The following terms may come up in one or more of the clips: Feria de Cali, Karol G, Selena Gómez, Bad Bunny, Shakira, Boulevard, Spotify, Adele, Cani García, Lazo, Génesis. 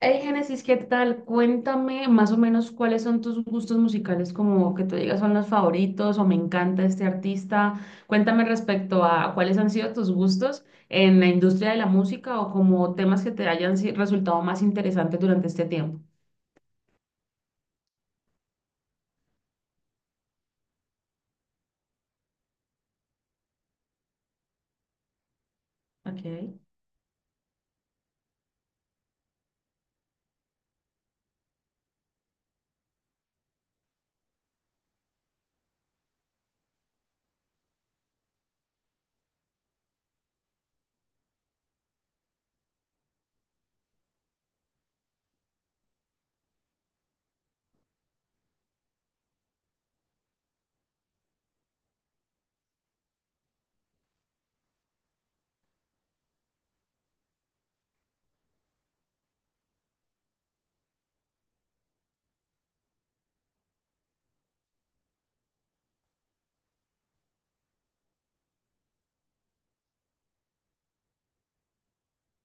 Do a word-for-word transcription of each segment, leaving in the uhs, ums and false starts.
Hey, Génesis, ¿qué tal? Cuéntame más o menos cuáles son tus gustos musicales, como que tú digas son los favoritos o me encanta este artista. Cuéntame respecto a cuáles han sido tus gustos en la industria de la música o como temas que te hayan si- resultado más interesantes durante este tiempo. Ok.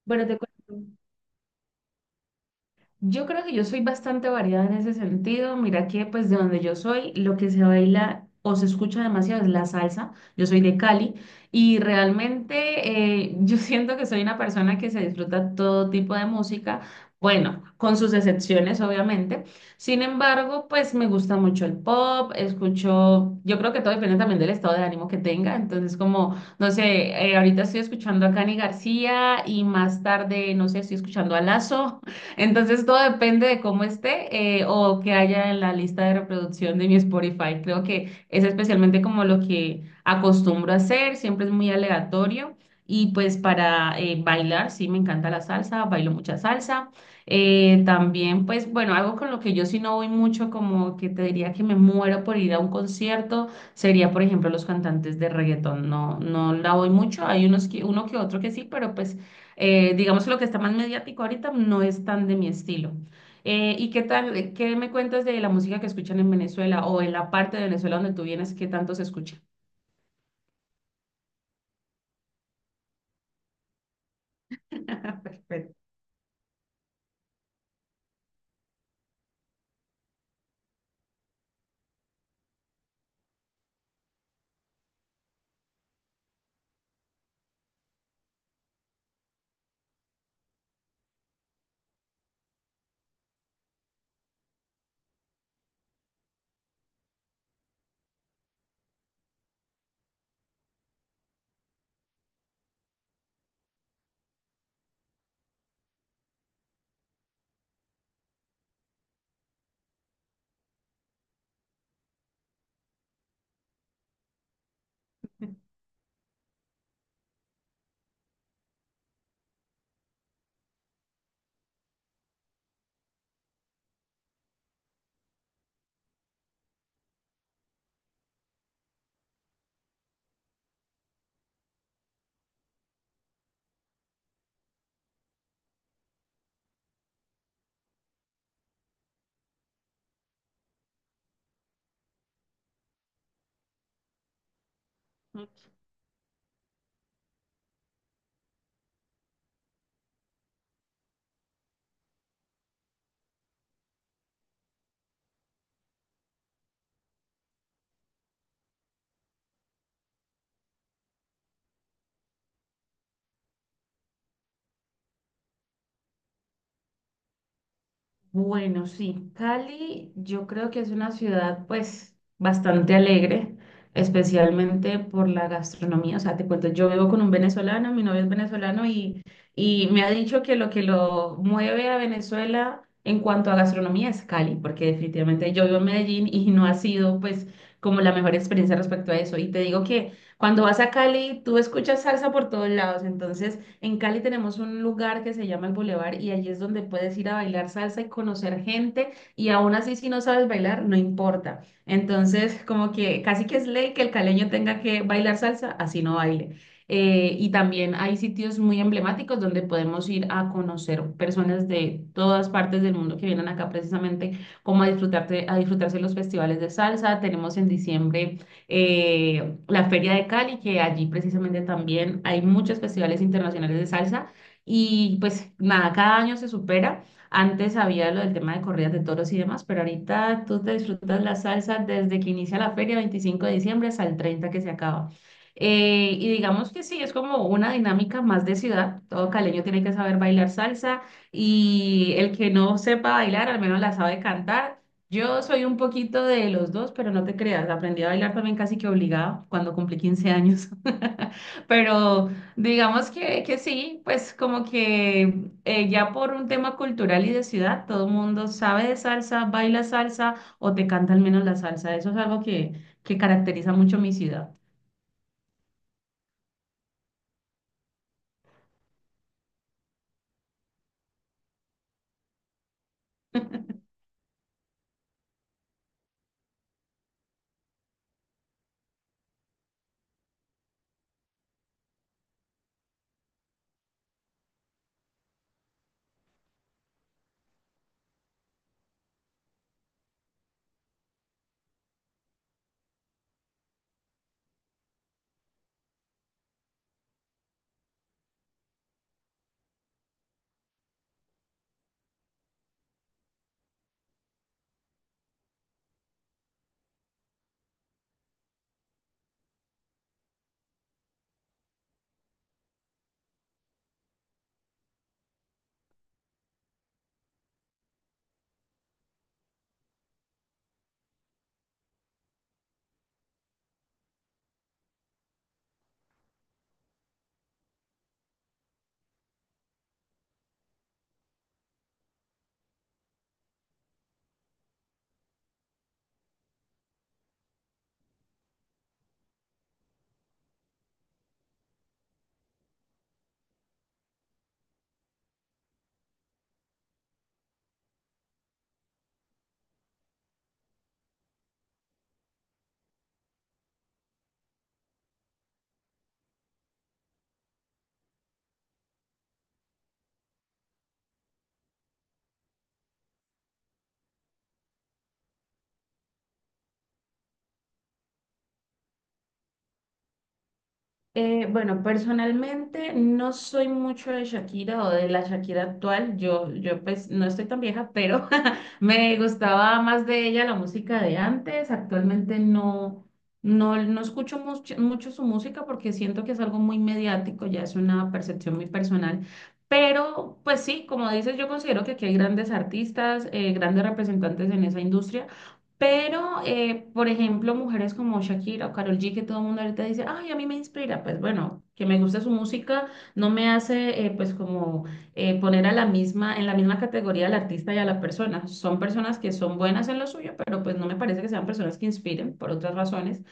Bueno, te cuento. Yo creo que yo soy bastante variada en ese sentido. Mira que pues de donde yo soy, lo que se baila o se escucha demasiado es la salsa. Yo soy de Cali y realmente eh, yo siento que soy una persona que se disfruta todo tipo de música, bueno, con sus excepciones obviamente. Sin embargo, pues me gusta mucho el pop, escucho, yo creo que todo depende también del estado de ánimo que tenga. Entonces como, no sé, eh, ahorita estoy escuchando a Cani García y más tarde, no sé, estoy escuchando a Lazo. Entonces todo depende de cómo esté eh, o que haya en la lista de reproducción de mi Spotify. Creo que es especialmente como lo que acostumbro a hacer, siempre es muy aleatorio. Y pues para eh, bailar, sí, me encanta la salsa, bailo mucha salsa. Eh, también pues bueno, algo con lo que yo sí no voy mucho, como que te diría que me muero por ir a un concierto, sería por ejemplo los cantantes de reggaetón. No, no la voy mucho, hay unos que, uno que otro que sí, pero pues. Eh, digamos que lo que está más mediático ahorita no es tan de mi estilo. Eh, ¿y qué tal, qué me cuentas de la música que escuchan en Venezuela o en la parte de Venezuela donde tú vienes, qué tanto se escucha? Perfecto. Bueno, sí, Cali yo creo que es una ciudad pues bastante alegre, especialmente por la gastronomía. O sea, te cuento, yo vivo con un venezolano, mi novio es venezolano y, y me ha dicho que lo que lo mueve a Venezuela en cuanto a gastronomía es Cali, porque definitivamente yo vivo en Medellín y no ha sido pues como la mejor experiencia respecto a eso. Y te digo que cuando vas a Cali, tú escuchas salsa por todos lados, entonces... En Cali tenemos un lugar que se llama el Boulevard y allí es donde puedes ir a bailar salsa y conocer gente y aún así si no sabes bailar, no importa. Entonces, como que casi que es ley que el caleño tenga que bailar salsa, así no baile. Eh, y también hay sitios muy emblemáticos donde podemos ir a conocer personas de todas partes del mundo que vienen acá precisamente como a disfrutarte, a disfrutarse los festivales de salsa. Tenemos en diciembre eh, la Feria de Cali, que allí precisamente también hay muchos festivales internacionales de salsa y pues nada, cada año se supera. Antes había lo del tema de corridas de toros y demás, pero ahorita tú te disfrutas la salsa desde que inicia la feria, veinticinco de diciembre, hasta el treinta que se acaba. Eh, y digamos que sí, es como una dinámica más de ciudad. Todo caleño tiene que saber bailar salsa y el que no sepa bailar, al menos la sabe cantar. Yo soy un poquito de los dos, pero no te creas, aprendí a bailar también casi que obligada cuando cumplí quince años. Pero digamos que, que sí, pues como que eh, ya por un tema cultural y de ciudad, todo el mundo sabe de salsa, baila salsa o te canta al menos la salsa. Eso es algo que, que caracteriza mucho mi ciudad. Eh, bueno, personalmente no soy mucho de Shakira o de la Shakira actual. Yo, yo pues no estoy tan vieja, pero me gustaba más de ella la música de antes. Actualmente no, no, no escucho mucho, mucho su música porque siento que es algo muy mediático, ya es una percepción muy personal. Pero pues sí, como dices, yo considero que aquí hay grandes artistas, eh, grandes representantes en esa industria. Pero, eh, por ejemplo, mujeres como Shakira o Karol G, que todo el mundo ahorita dice, ay, a mí me inspira, pues bueno, que me guste su música no me hace, eh, pues como eh, poner a la misma, en la misma categoría al artista y a la persona. Son personas que son buenas en lo suyo, pero pues no me parece que sean personas que inspiren por otras razones.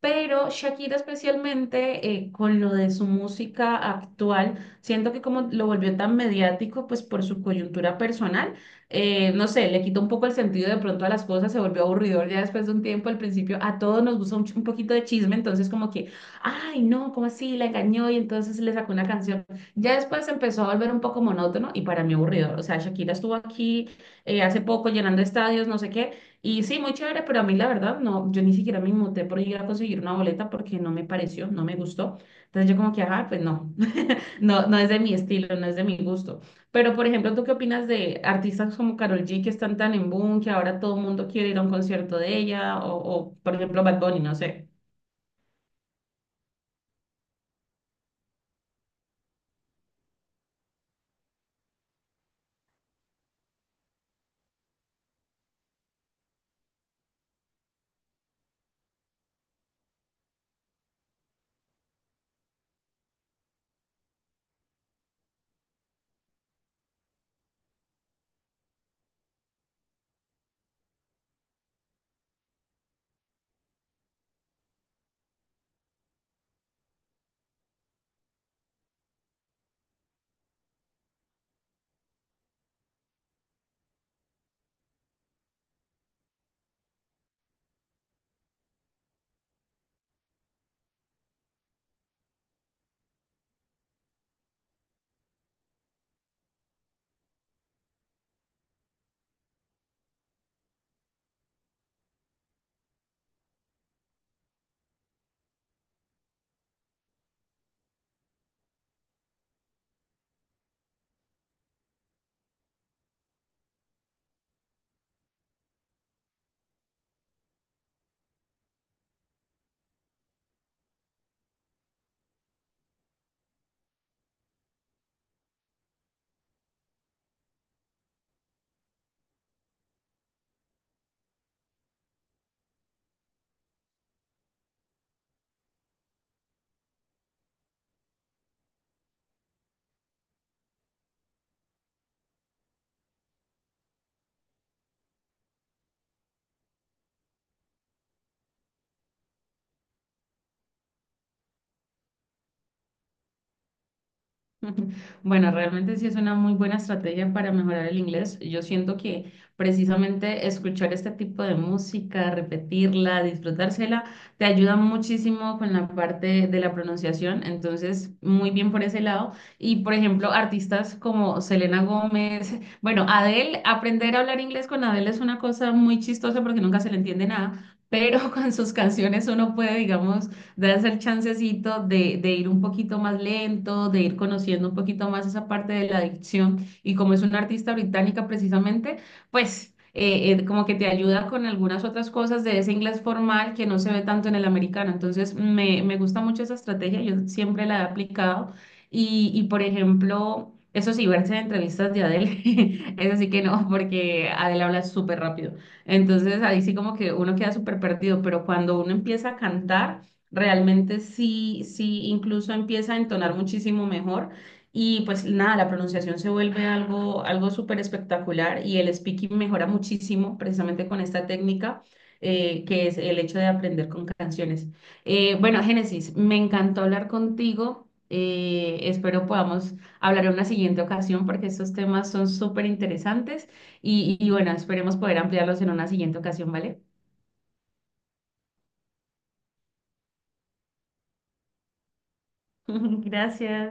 Pero Shakira especialmente eh, con lo de su música actual, siento que como lo volvió tan mediático, pues por su coyuntura personal, eh, no sé, le quitó un poco el sentido de pronto a las cosas, se volvió aburridor ya después de un tiempo, al principio a todos nos gusta un, ch- un poquito de chisme, entonces como que, ay no, ¿cómo así? La engañó y entonces le sacó una canción. Ya después se empezó a volver un poco monótono y para mí aburridor, o sea, Shakira estuvo aquí eh, hace poco llenando estadios, no sé qué. Y sí, muy chévere, pero a mí la verdad, no, yo ni siquiera me muté por ir a conseguir una boleta porque no me pareció, no me gustó. Entonces yo como que, ajá, pues no, no, no es de mi estilo, no es de mi gusto. Pero, por ejemplo, ¿tú qué opinas de artistas como Karol G que están tan en boom, que ahora todo el mundo quiere ir a un concierto de ella? O, o por ejemplo, Bad Bunny, no sé. Bueno, realmente sí es una muy buena estrategia para mejorar el inglés. Yo siento que precisamente escuchar este tipo de música, repetirla, disfrutársela, te ayuda muchísimo con la parte de la pronunciación. Entonces, muy bien por ese lado. Y, por ejemplo, artistas como Selena Gómez, bueno, Adele, aprender a hablar inglés con Adele es una cosa muy chistosa porque nunca se le entiende nada. Pero con sus canciones uno puede, digamos, de hacer chancecito, de, de ir un poquito más lento, de ir conociendo un poquito más esa parte de la adicción. Y como es una artista británica precisamente, pues eh, eh, como que te ayuda con algunas otras cosas de ese inglés formal que no se ve tanto en el americano. Entonces, me, me gusta mucho esa estrategia, yo siempre la he aplicado. Y, y por ejemplo, eso sí, verse en entrevistas de Adele, eso sí que no, porque Adele habla súper rápido. Entonces, ahí sí como que uno queda súper perdido, pero cuando uno empieza a cantar. Realmente sí, sí, incluso empieza a entonar muchísimo mejor y pues nada, la pronunciación se vuelve algo, algo súper espectacular y el speaking mejora muchísimo precisamente con esta técnica eh, que es el hecho de aprender con canciones. Eh, bueno, Génesis, me encantó hablar contigo. eh, espero podamos hablar en una siguiente ocasión porque estos temas son súper interesantes y, y bueno, esperemos poder ampliarlos en una siguiente ocasión, ¿vale? Gracias.